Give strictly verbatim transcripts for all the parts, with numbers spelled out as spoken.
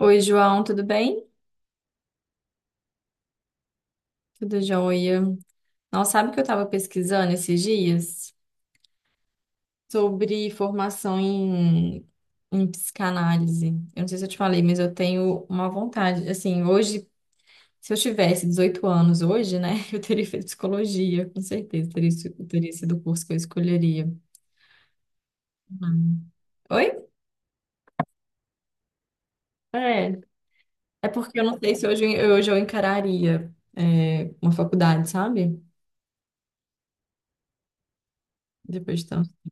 Oi, João, tudo bem? Tudo jóia. Não sabe que eu estava pesquisando esses dias sobre formação em, em psicanálise. Eu não sei se eu te falei, mas eu tenho uma vontade. Assim, hoje, se eu tivesse dezoito anos hoje, né, eu teria feito psicologia, com certeza. Teria, sido- teria sido o curso que eu escolheria. Hum. Oi? É. É porque eu não sei se hoje, eu- hoje eu encararia, é, uma faculdade, sabe? Depois de tanto.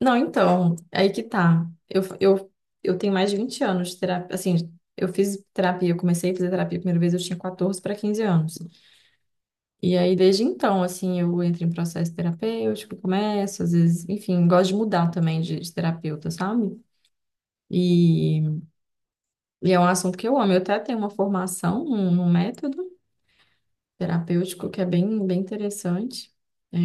Não, então, aí que tá. Eu, eu, eu tenho mais de vinte anos de terapia. Assim, eu fiz terapia, eu comecei a fazer terapia a primeira vez, eu tinha quatorze para quinze anos. E aí, desde então, assim, eu entro em processo terapêutico, começo, às vezes, enfim, gosto de mudar também de, de terapeuta, sabe? E, e é um assunto que eu amo. Eu até tenho uma formação, um, um método terapêutico que é bem, bem interessante. É,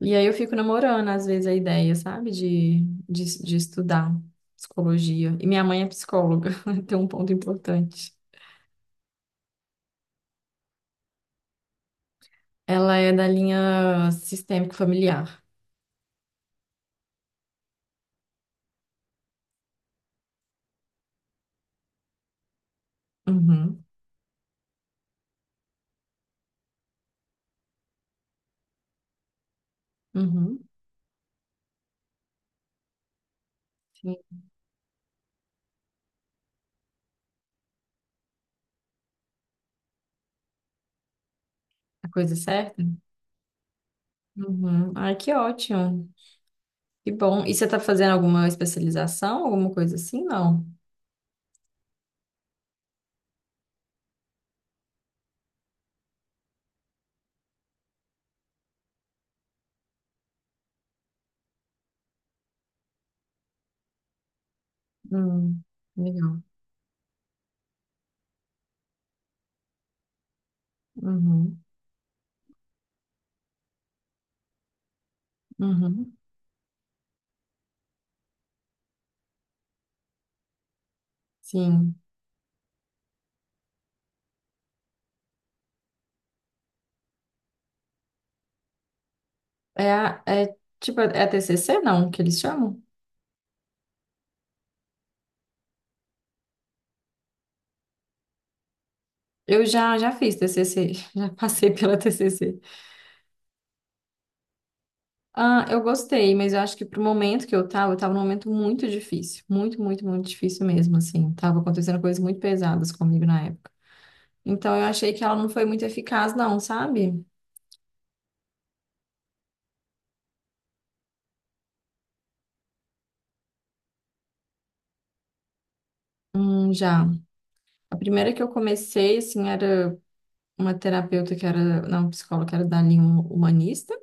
e aí eu fico namorando, às vezes, a ideia, sabe, de, de, de estudar psicologia. E minha mãe é psicóloga, tem um ponto importante. Ela é da linha sistêmico familiar. Uhum, uhum. Sim. A coisa é certa? Uhum. Ai, que ótimo. Que bom. E você está fazendo alguma especialização, alguma coisa assim? Não. Hum, legal. Uhum, uhum. Sim. É, a- é tipo, é T C C, não, que eles chamam? Eu já, já fiz T C C, já passei pela T C C. Ah, eu gostei, mas eu acho que pro momento que eu tava, eu tava num momento muito difícil, muito, muito, muito difícil mesmo, assim. Tava acontecendo coisas muito pesadas comigo na época. Então eu achei que ela não foi muito eficaz, não, sabe? Hum, já. A primeira que eu comecei, assim, era uma terapeuta que era, não, psicóloga, que era da linha humanista.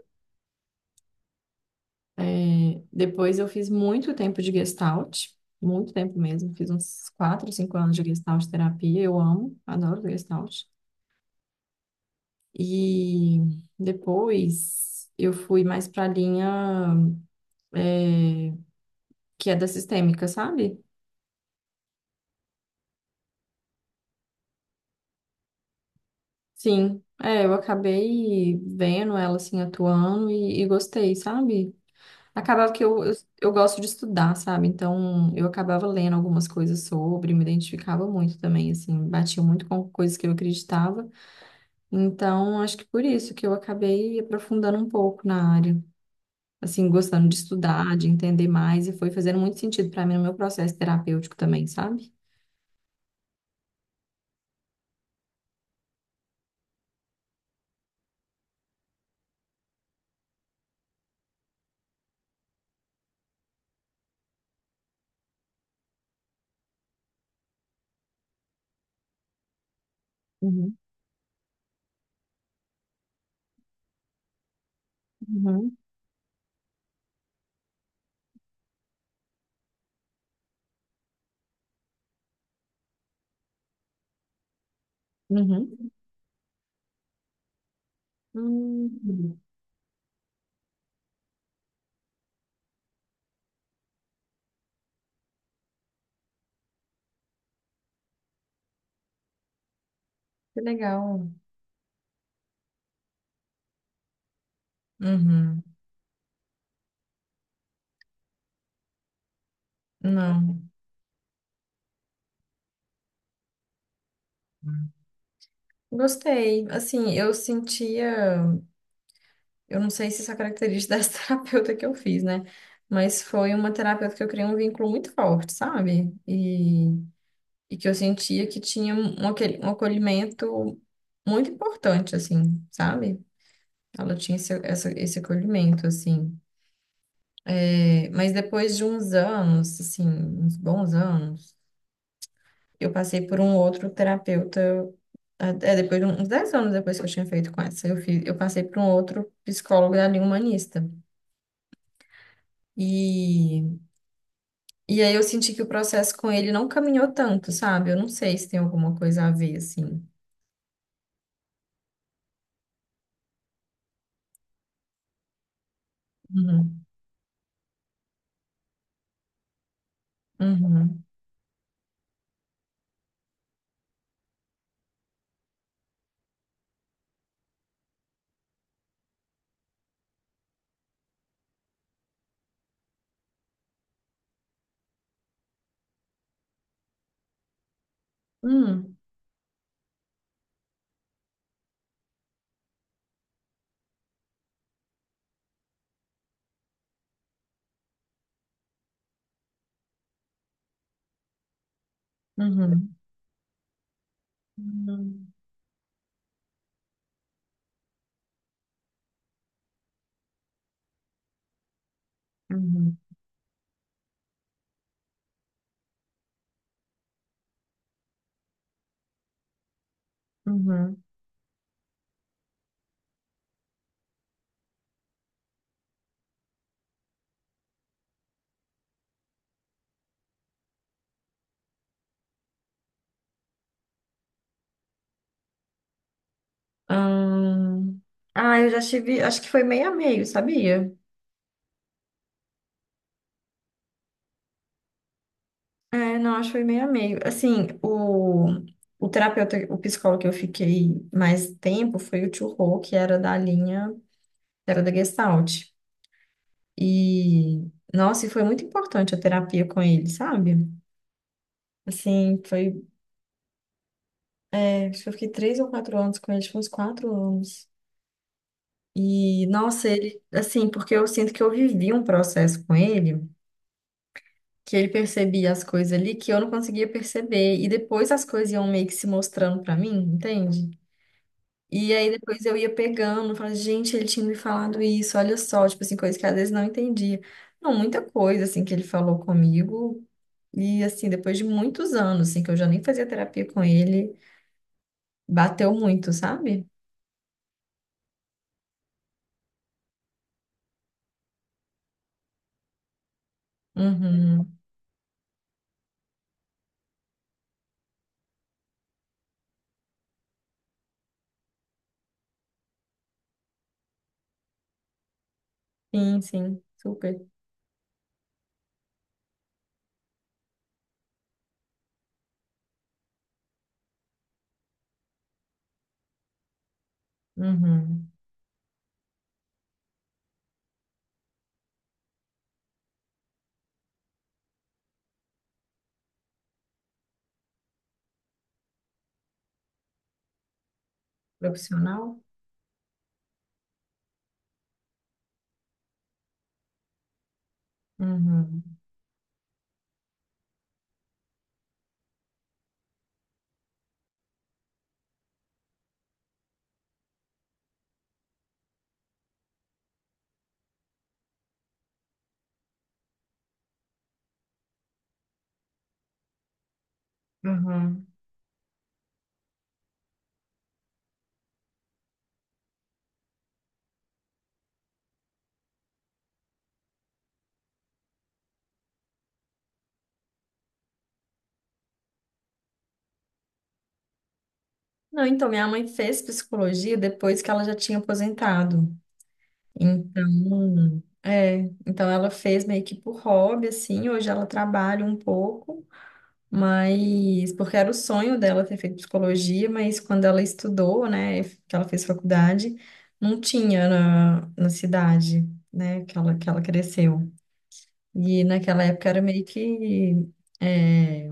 É, depois eu fiz muito tempo de Gestalt, muito tempo mesmo, fiz uns quatro, cinco anos de Gestalt terapia, eu amo, adoro Gestalt. E depois eu fui mais para a linha é, que é da sistêmica, sabe? Sim, é, eu acabei vendo ela assim atuando e, e gostei, sabe? Acabava que eu, eu, eu gosto de estudar, sabe? Então eu acabava lendo algumas coisas sobre, me identificava muito também, assim, batia muito com coisas que eu acreditava. Então acho que por isso que eu acabei aprofundando um pouco na área, assim, gostando de estudar, de entender mais, e foi fazendo muito sentido para mim no meu processo terapêutico também, sabe? Uhum, uhum, uhum. Hum, que legal. Uhum. Não. Gostei. Assim, eu sentia, eu não sei se isso é característica dessa terapeuta que eu fiz, né? Mas foi uma terapeuta que eu criei um vínculo muito forte, sabe? E, e que eu sentia que tinha um, aquele um acolhimento muito importante, assim, sabe? Ela tinha esse, essa- esse acolhimento, assim. É, mas depois de uns anos, assim, uns bons anos, eu passei por um outro terapeuta, é é, depois de uns dez anos depois que eu tinha feito com essa, eu fiz, eu passei por um outro psicólogo da linha humanista. E, e aí eu senti que o processo com ele não caminhou tanto, sabe? Eu não sei se tem alguma coisa a ver, assim. Uhum, uhum, uhum, uhum, uhum, uhum, uhum. Ahn, ah, eu já tive, acho que foi meio a meio, sabia? É, não, acho que foi meio a meio. Assim, o, o terapeuta, o psicólogo que eu fiquei mais tempo foi o Tio Rô, que era da linha, era da Gestalt. E, nossa, e foi muito importante a terapia com ele, sabe? Assim, foi, é, acho que eu fiquei três ou quatro anos com ele, acho que uns quatro anos. E, nossa, ele, assim, porque eu sinto que eu vivi um processo com ele, que ele percebia as coisas ali que eu não conseguia perceber, e depois as coisas iam meio que se mostrando pra mim, entende? E aí depois eu ia pegando, falando, gente, ele tinha me falado isso, olha só, tipo assim, coisa que às vezes não entendia. Não, muita coisa, assim, que ele falou comigo. E, assim, depois de muitos anos, assim, que eu já nem fazia terapia com ele, bateu muito, sabe? Uhum. Sim, sim, super. Uhum. Profissional? Uhum. Uhum. Não, então, minha mãe fez psicologia depois que ela já tinha aposentado. Então, é, então ela fez meio que por hobby, assim, hoje ela trabalha um pouco, mas porque era o sonho dela ter feito psicologia, mas quando ela estudou, né, que ela fez faculdade, não tinha na, na cidade, né, que ela, que ela cresceu. E naquela época era meio que, é,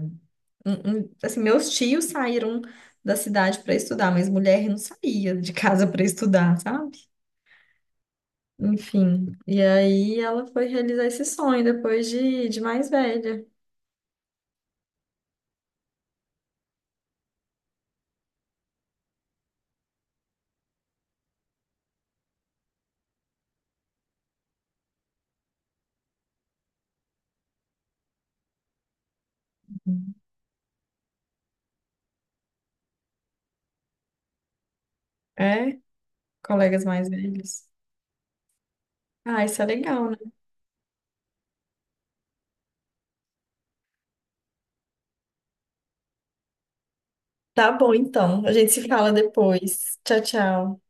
um- um- assim, meus tios saíram da cidade para estudar, mas mulher não saía de casa para estudar, sabe? Enfim, e aí ela foi realizar esse sonho depois de, de mais velha. É, colegas mais velhos. Ah, isso é legal, né? Tá bom, então. A gente se fala depois. Tchau, tchau.